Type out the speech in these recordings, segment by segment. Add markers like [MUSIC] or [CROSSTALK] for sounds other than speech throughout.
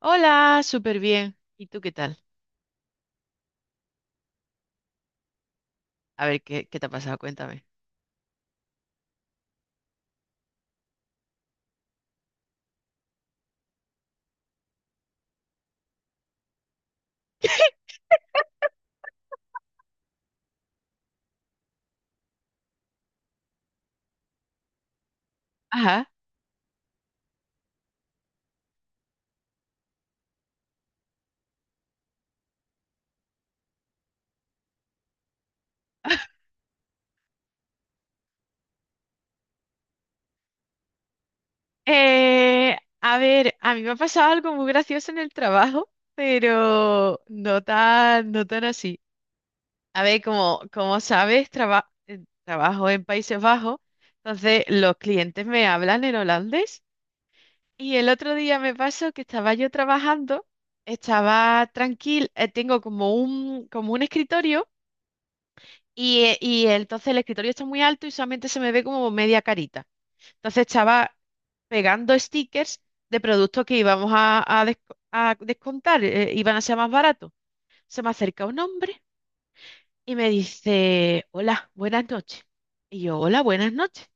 Hola, súper bien. ¿Y tú qué tal? A ver, ¿qué te ha pasado? Cuéntame. Ajá. [LAUGHS] A ver, a mí me ha pasado algo muy gracioso en el trabajo, pero no tan así. A ver, como sabes, trabajo en Países Bajos, entonces los clientes me hablan en holandés. Y el otro día me pasó que estaba yo trabajando, estaba tranquila, tengo como un escritorio. Y entonces el escritorio está muy alto y solamente se me ve como media carita. Entonces estaba pegando stickers de productos que íbamos a descontar, iban a ser más baratos. Se me acerca un hombre y me dice, hola, buenas noches. Y yo, hola, buenas noches.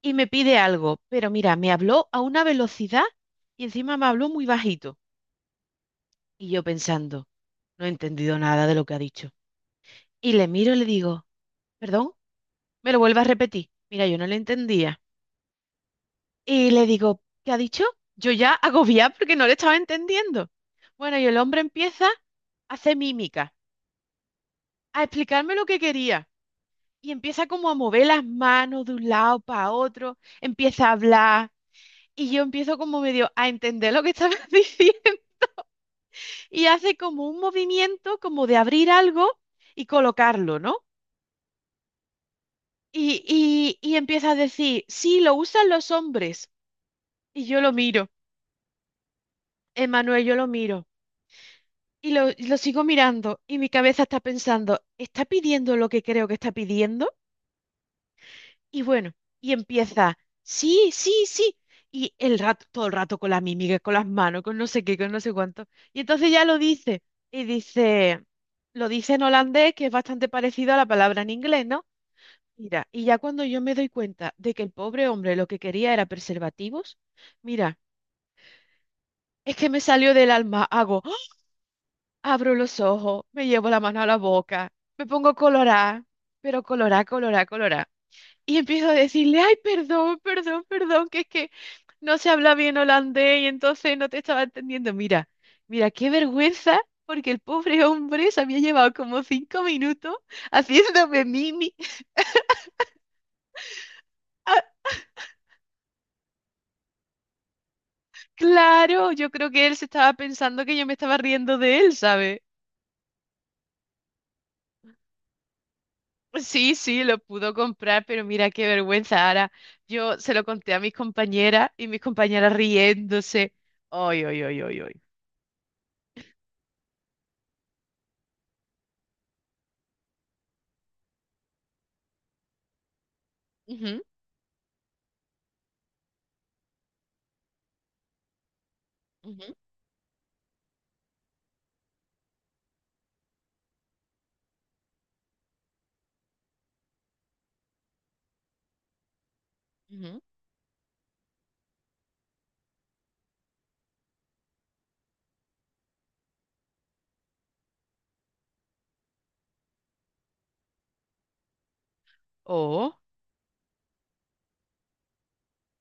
Y me pide algo, pero mira, me habló a una velocidad y encima me habló muy bajito. Y yo pensando, no he entendido nada de lo que ha dicho. Y le miro y le digo, perdón, me lo vuelve a repetir. Mira, yo no le entendía. Y le digo, ¿qué ha dicho? Yo ya agobiada porque no le estaba entendiendo. Bueno, y el hombre empieza a hacer mímica, a explicarme lo que quería. Y empieza como a mover las manos de un lado para otro, empieza a hablar. Y yo empiezo como medio a entender lo que estaba [LAUGHS] diciendo. Y hace como un movimiento como de abrir algo y colocarlo, ¿no? Y empieza a decir, sí, lo usan los hombres. Y yo lo miro, Emanuel, yo lo miro. Y lo sigo mirando y mi cabeza está pensando, ¿está pidiendo lo que creo que está pidiendo? Y bueno, y empieza, sí, sí, sí. Y el rato, todo el rato con la mímica, con las manos, con no sé qué, con no sé cuánto. Y entonces ya lo dice. Y dice, lo dice en holandés, que es bastante parecido a la palabra en inglés, ¿no? Mira, y ya cuando yo me doy cuenta de que el pobre hombre lo que quería era preservativos, mira, es que me salió del alma, hago. Abro los ojos, me llevo la mano a la boca, me pongo colorá, pero colorá, colorá, colorá. Y empiezo a decirle, ay, perdón, perdón, perdón, que es que no se habla bien holandés y entonces no te estaba entendiendo. Mira, mira, qué vergüenza, porque el pobre hombre se había llevado como 5 minutos haciéndome mimi. [LAUGHS] Ah, claro, yo creo que él se estaba pensando que yo me estaba riendo de él, ¿sabes? Sí, sí, lo pudo comprar, pero mira qué vergüenza, Ara. Yo se lo conté a mis compañeras y mis compañeras riéndose. Ay, ay, ay, ay, ay. Ujú, ujú, ujú. Oh,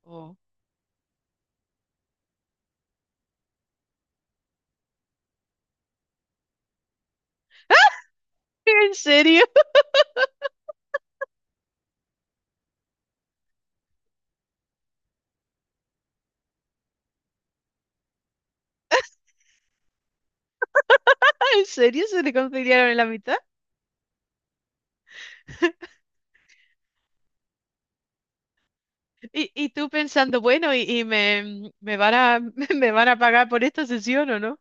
oh. [LAUGHS] ¿En serio? [LAUGHS] ¿En serio se reconciliaron en la mitad? Y tú pensando, bueno, me van a, [LAUGHS] me van a pagar por esta sesión, ¿o no?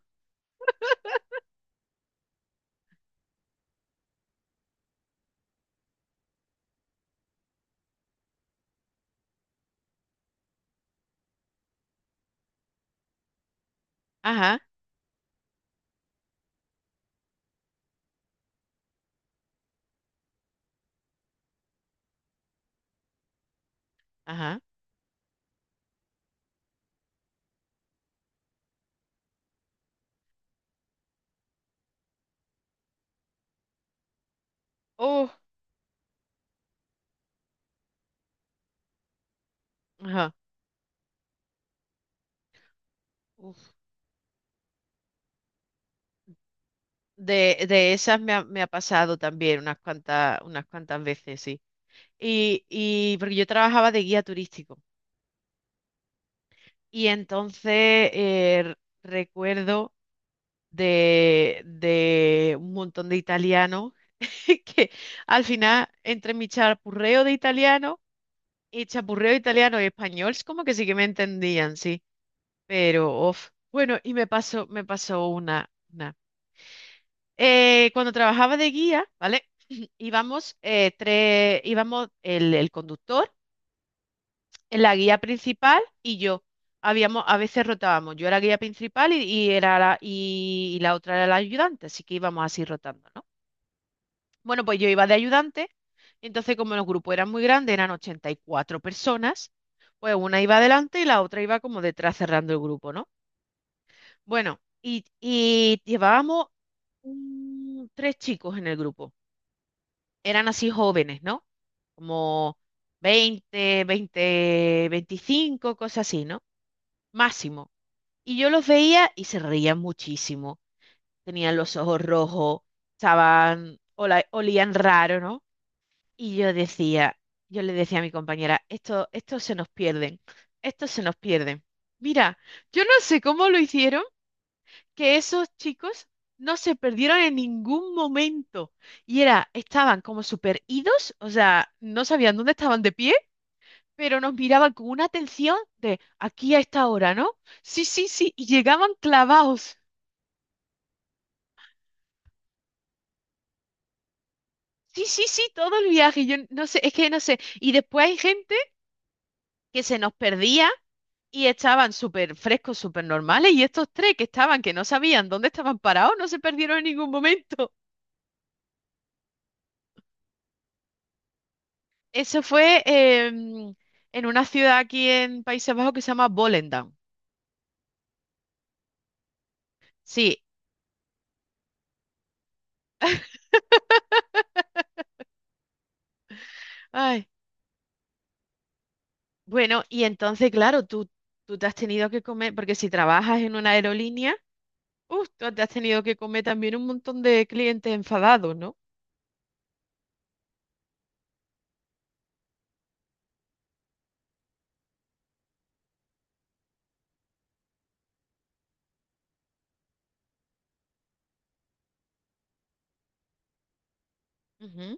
Ajá, ajá. Oh, ajá. Uf. De esas me ha pasado también unas cuantas veces. Y porque yo trabajaba de guía turístico. Y entonces eh, r- recuerdo de un montón de italianos [LAUGHS] que al final, entre mi chapurreo de italiano y chapurreo italiano y español, es como que sí que me entendían, sí. Pero, of. Bueno, y me pasó una, una. Cuando trabajaba de guía, ¿vale? [CLEARS THROAT] Íbamos tres, íbamos el conductor, la guía principal y yo. Habíamos, a veces rotábamos. Yo era guía principal y era la, y la otra era la ayudante, así que íbamos así rotando, ¿no? Bueno, pues yo iba de ayudante, y entonces como los grupos eran muy grandes, eran 84 personas, pues una iba adelante y la otra iba como detrás cerrando el grupo, ¿no? Bueno, y llevábamos tres chicos en el grupo. Eran así jóvenes, ¿no? Como 20 20 25 cosas así, ¿no? Máximo. Y yo los veía y se reían muchísimo. Tenían los ojos rojos, estaban, olían raro, ¿no? Y yo decía, yo le decía a mi compañera, esto, estos se nos pierden, estos se nos pierden. Mira, yo no sé cómo lo hicieron, que esos chicos no se perdieron en ningún momento. Y era, estaban como super idos, o sea, no sabían dónde estaban de pie, pero nos miraban con una atención de aquí a esta hora, ¿no? Sí, sí, sí, y llegaban clavados. Sí, sí, sí, todo el viaje. Yo no sé, es que no sé. Y después hay gente que se nos perdía y estaban súper frescos, súper normales. Y estos tres que estaban, que no sabían dónde estaban parados, no se perdieron en ningún momento. [LAUGHS] Eso fue en una ciudad aquí en Países Bajos que se llama Volendam. Sí. Ay. Bueno, y entonces, claro, tú te has tenido que comer, porque si trabajas en una aerolínea, uf, tú te has tenido que comer también un montón de clientes enfadados, ¿no? Ujú.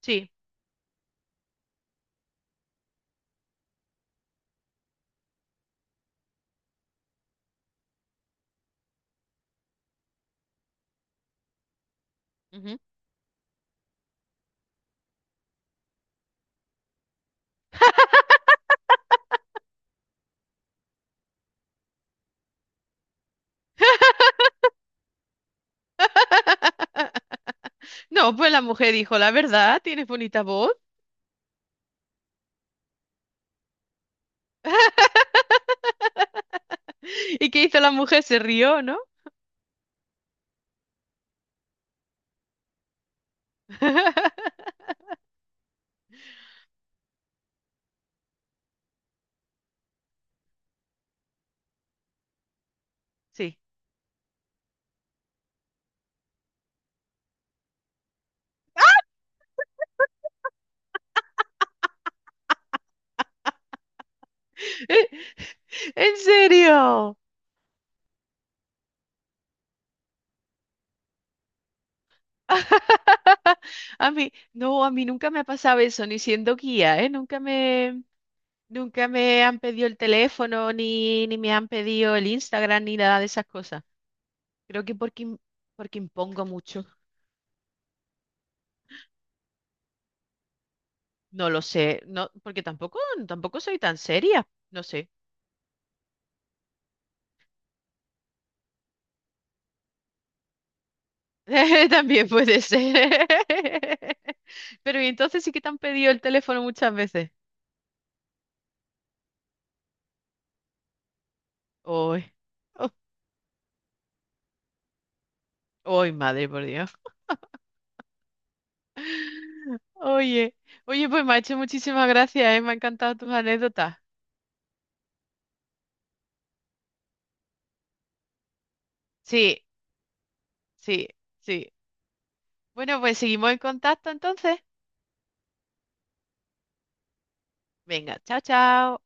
Sí. Ujú. No, pues la mujer dijo, la verdad, tienes bonita voz. [LAUGHS] ¿Y qué hizo la mujer? Se rió, ¿no? [LAUGHS] Sí. [LAUGHS] ¿En serio? [LAUGHS] A mí, no, a mí nunca me ha pasado eso, ni siendo guía, ¿eh? Nunca me... Nunca me han pedido el teléfono, ni me han pedido el Instagram, ni nada de esas cosas. Creo que porque, porque impongo mucho. No lo sé, no, porque tampoco, tampoco soy tan seria. No sé. [LAUGHS] También puede ser. [LAUGHS] Pero y entonces sí que te han pedido el teléfono muchas veces. Hoy, hoy, [LAUGHS] madre, por Dios. [LAUGHS] Oye, oye, pues macho, muchísimas gracias, me han encantado tus anécdotas. Sí, sí, sí. Bueno, pues seguimos en contacto entonces. Venga, chao, chao.